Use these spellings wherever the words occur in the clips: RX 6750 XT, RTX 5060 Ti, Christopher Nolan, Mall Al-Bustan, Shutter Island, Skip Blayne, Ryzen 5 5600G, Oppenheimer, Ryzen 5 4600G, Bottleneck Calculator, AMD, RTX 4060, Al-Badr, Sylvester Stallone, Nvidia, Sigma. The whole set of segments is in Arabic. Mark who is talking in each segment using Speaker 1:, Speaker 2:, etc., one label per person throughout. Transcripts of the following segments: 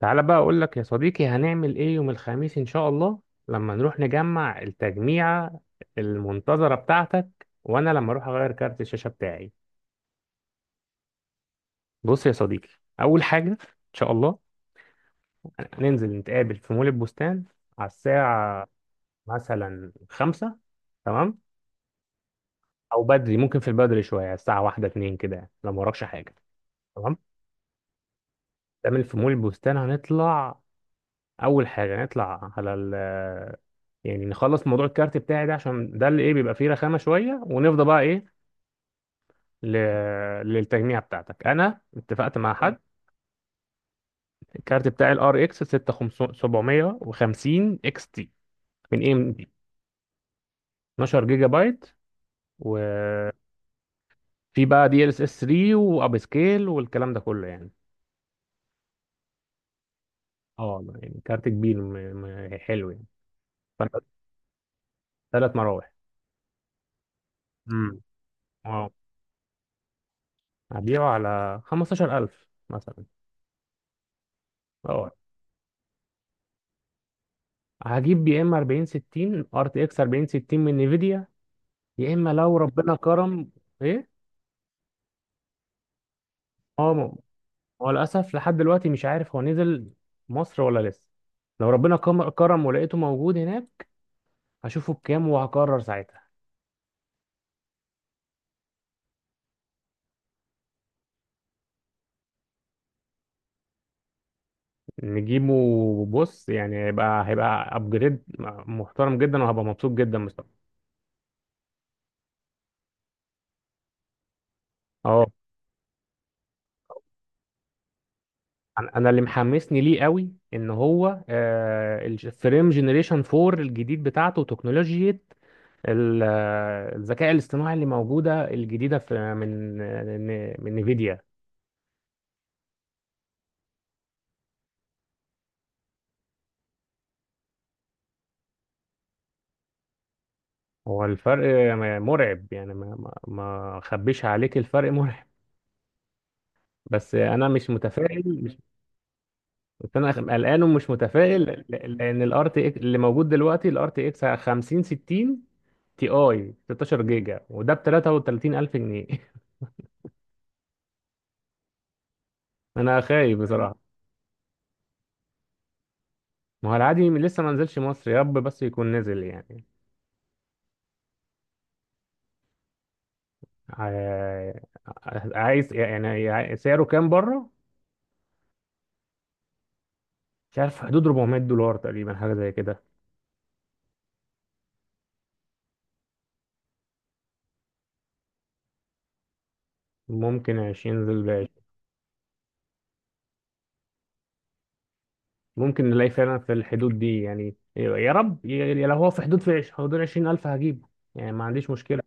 Speaker 1: تعالى بقى اقول لك يا صديقي، هنعمل ايه يوم الخميس ان شاء الله؟ لما نروح نجمع التجميعة المنتظرة بتاعتك، وانا لما اروح اغير كارت الشاشة بتاعي. بص يا صديقي، اول حاجة ان شاء الله هننزل نتقابل في مول البستان، على الساعة مثلا خمسة، تمام؟ او بدري، ممكن في البدري شوية، الساعة واحدة اتنين كده يعني، لو ما وراكش حاجة. تمام. نعمل في مول البستان، هنطلع اول حاجه نطلع على ال يعني نخلص موضوع الكارت بتاعي ده، عشان ده اللي ايه، بيبقى فيه رخامه شويه ونفضى بقى ايه ل... للتجميع بتاعتك. انا اتفقت مع حد. الكارت بتاعي الار اكس 6750 اكس تي من اي ام دي. 12 جيجا بايت، وفي بقى دي ال اس اس 3 واب سكيل والكلام ده كله يعني. اه يعني كارت كبير، حلو يعني. فانت ثلاث مراوح. امم اه هبيعه على 15000 مثلا. اه هجيب يا اما 40 60، ار تي اكس 40 60 من نيفيديا، يا اما لو ربنا كرم. ايه. اه، ما هو للاسف لحد دلوقتي مش عارف هو نزل مصر ولا لسه. لو ربنا كرم ولقيته موجود هناك، هشوفه بكام وهقرر ساعتها. نجيبه. بص، يعني هيبقى ابجريد محترم جدا، وهبقى مبسوط جدا مستقبلا. اه. أنا اللي محمسني ليه قوي ان هو آه الفريم جنريشن 4 الجديد، بتاعته تكنولوجيا ال- الذكاء الاصطناعي اللي موجودة الجديدة في من نفيديا. هو الفرق مرعب، يعني ما اخبيش عليك، الفرق مرعب. بس انا مش متفائل، مش بس انا قلقان ومش متفائل. لان الار تي اكس اللي موجود دلوقتي، الار تي اكس 50 60 تي اي 16 جيجا، وده ب 33,000 جنيه انا خايف بصراحة. ما هو العادي لسه ما نزلش مصر، يا رب بس يكون نزل يعني. ع- عايز يعني سعره كام بره. مش عارف، في حدود $400 تقريبا، حاجة زي كده. ممكن 20 ذو العشر. ممكن نلاقي فعلا في الحدود دي يعني، يا رب، يا لو هو في حدود، في حدود 20000 هجيبه، يعني ما عنديش مشكلة.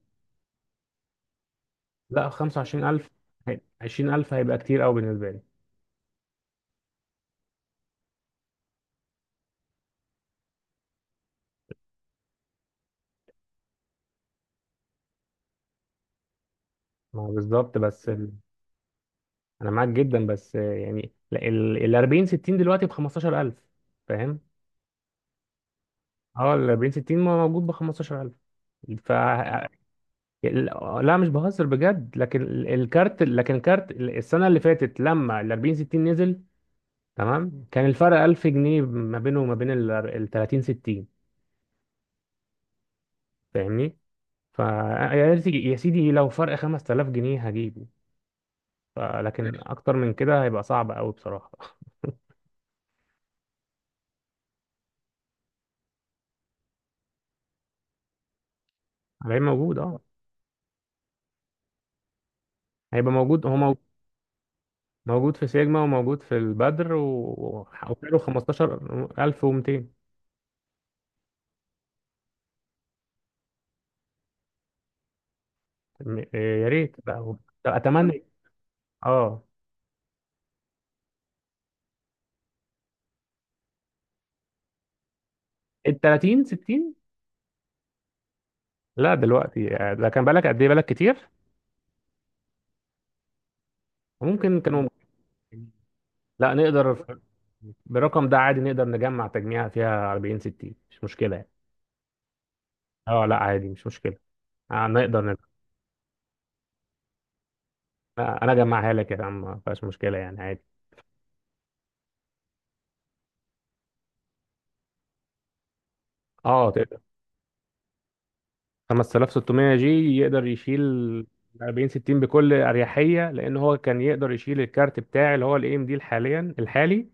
Speaker 1: لا 25000. 20000 هيبقى كتير قوي بالنسبة لي. ما هو بالظبط، بس أنا معاك جدا، بس يعني ال 40 60 دلوقتي ب 15000، فاهم؟ اه ال 40 60 موجود ب 15000 فأقل. لا مش بهزر بجد، لكن الكارت السنه اللي فاتت لما ال 40 60 نزل، تمام، كان الفرق 1,000 جنيه ما بينه وما بين ال 30 60. فاهمني؟ فا يا سيدي، يا سيدي لو فرق 5,000 جنيه هجيبه، لكن اكتر من كده هيبقى صعب قوي بصراحه هيبقى موجود اه. هيبقى موجود هو مو- موجود في سيجما، وموجود في البدر وسعره 15200. يا ريت بقى اتمنى. اه ال 30 60. لا دلوقتي آه، ده كان بالك قد ايه، بالك كتير. ممكن كانوا. لا نقدر، بالرقم ده عادي نقدر نجمع تجميعة فيها 40 60، مش مشكلة يعني. اه لا عادي، مش مشكلة. آه نقدر نجمع. انا اجمعها لك يا عم، ما فيهاش مشكلة يعني عادي. اه تقدر. 5600 جي يقدر يشيل 40 60 بكل اريحية، لان هو كان يقدر يشيل الكارت بتاعي اللي هو الاي ام دي الحالي،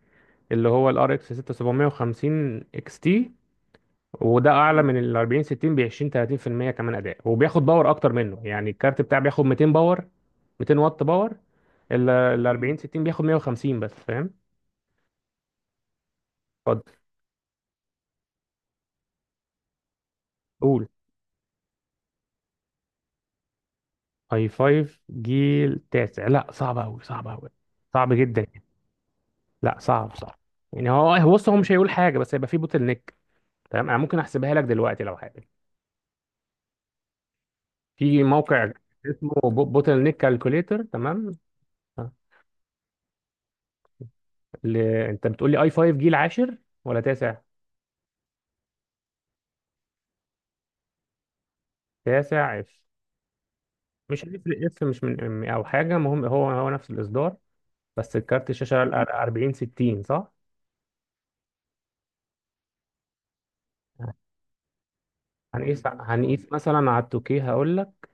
Speaker 1: اللي هو الار اكس 6750 اكس تي، وده اعلى من ال 40 60 ب 20-30% كمان اداء، وبياخد باور اكتر منه. يعني الكارت بتاعي بياخد 200 باور، 200 واط باور. ال 40 60 بياخد 150 بس، فاهم؟ اتفضل. قول. اي 5 جيل تاسع؟ لا، صعب قوي، صعب قوي، صعب جدا. لا صعب، صعب. يعني هو بص، هو مش هيقول حاجه، بس هيبقى في بوتل نيك. تمام. انا ممكن احسبها لك دلوقتي لو حابب. في موقع اسمه بوتل نيك كالكوليتر، تمام. ل... انت بتقول لي اي 5 جيل عاشر ولا تاسع؟ تاسع. مش هيفرق، اس مش من ام او حاجه، المهم هو نفس الاصدار. بس الكارت الشاشه ال 40 60 صح؟ هنقيس مثلا على التوكيه، هقول لك.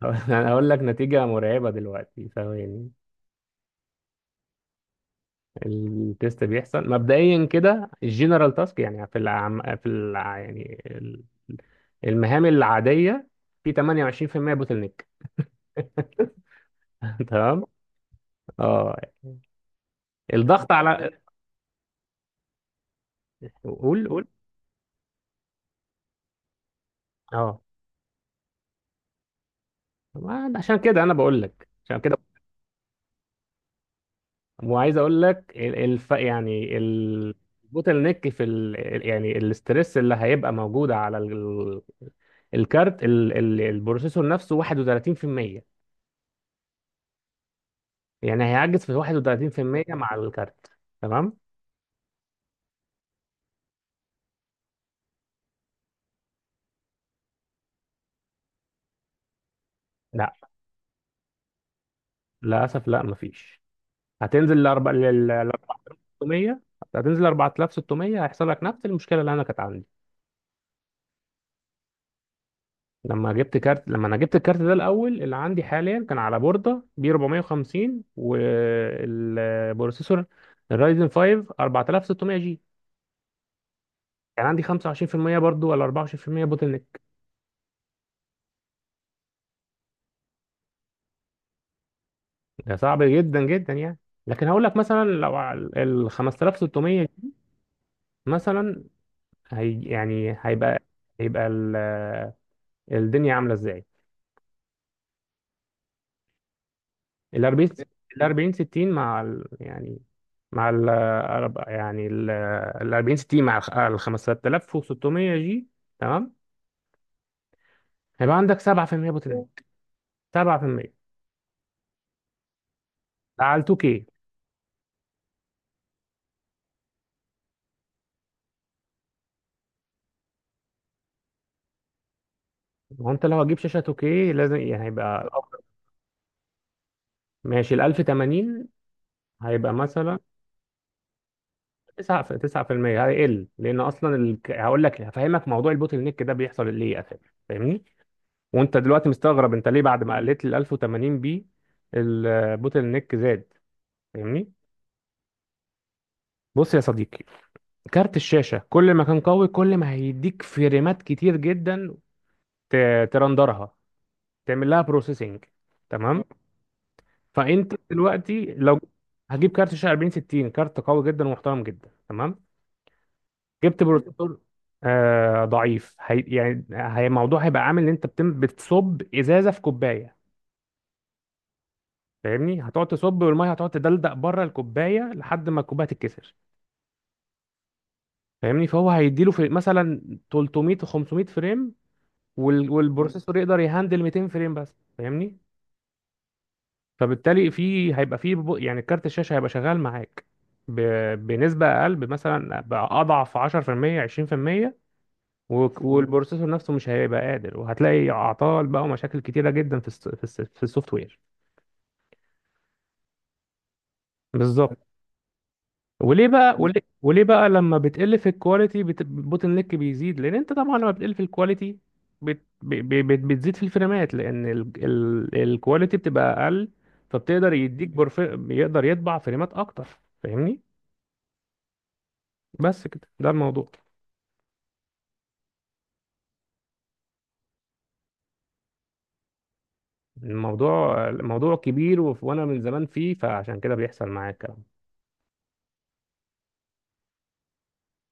Speaker 1: هقول لك نتيجه مرعبه دلوقتي، ثواني. التيست بيحصل مبدئيا كده، الجنرال تاسك، يعني في العم... في الع... يعني ال- المهام العاديه، في 28% بوتل نيك. تمام. اه الضغط على. قول، قول. اه، عشان كده انا بقول لك، عشان كده. وعايز اقول لك البوتل نيك في الاسترس اللي هيبقى موجود على الكارت، البروسيسور نفسه 31%، يعني هيعجز في 31% مع الكارت. تمام. لا، للاسف لا، مفيش. هتنزل ل 4600، هيحصل لك نفس المشكله اللي انا كانت عندي. لما انا جبت الكارت ده الاول اللي عندي حاليا، كان على بورده بي 450، والبروسيسور الرايزن 5 4600 جي، كان عندي 25% برضو، ولا 24% بوتل نيك. ده صعب جدا جدا يعني. لكن هقول لك، مثلا لو على ال 5600 جي مثلا، هي يعني هيبقى ال- الدنيا عامله ازاي. ال 40 ال 40 60 مع ال... يعني مع ال أرب- يعني ال ال 40 60 مع ال 5600 جي، تمام، هيبقى عندك 7% بوتنات، 7%. ده على 2K. ما هو انت لو هتجيب شاشه 2K لازم، يعني هيبقى الأفضل. ماشي، ال 1080 هيبقى مثلا 9 9% هيقل، لان اصلا هقول لك هفهمك موضوع البوتل نيك ده بيحصل ليه اساسا، فاهمني؟ وانت دلوقتي مستغرب انت ليه بعد ما قلت ال 1080 بي البوتل نيك زاد، فاهمني؟ بص يا صديقي، كارت الشاشة كل ما كان قوي، كل ما هيديك فريمات كتير جدا، ترندرها، تعمل لها بروسيسنج، تمام. فانت دلوقتي لو هجيب كارت شاشة 4060، كارت قوي جدا ومحترم جدا، تمام، جبت بروسيسور آه ضعيف، هي يعني هي الموضوع هيبقى عامل ان انت بتصب ازازة في كوباية، فاهمني؟ هتقعد تصب، والميه هتقعد تدلدق بره الكوباية لحد ما الكوباية تتكسر. فاهمني؟ فهو هيديله في مثلا 300 و 500 فريم، والبروسيسور يقدر يهندل 200 فريم بس، فاهمني؟ فبالتالي هيبقى في كارت الشاشه هيبقى شغال معاك بنسبه اقل، مثلا اضعف 10% 20%، والبروسيسور نفسه مش هيبقى قادر، وهتلاقي اعطال بقى ومشاكل كتيره جدا في السوفت وير. بالظبط. وليه بقى، وليه بقى لما بتقل في الكواليتي البوتن نيك بيزيد؟ لان انت طبعا لما بتقل في الكواليتي بت... ب... ب... بت... بتزيد في الفريمات، لان الكواليتي بتبقى اقل، فبتقدر بيقدر يطبع فريمات اكتر، فاهمني؟ بس كده ده الموضوع. الموضوع كبير، وانا من زمان فيه، فعشان كده بيحصل معايا الكلام.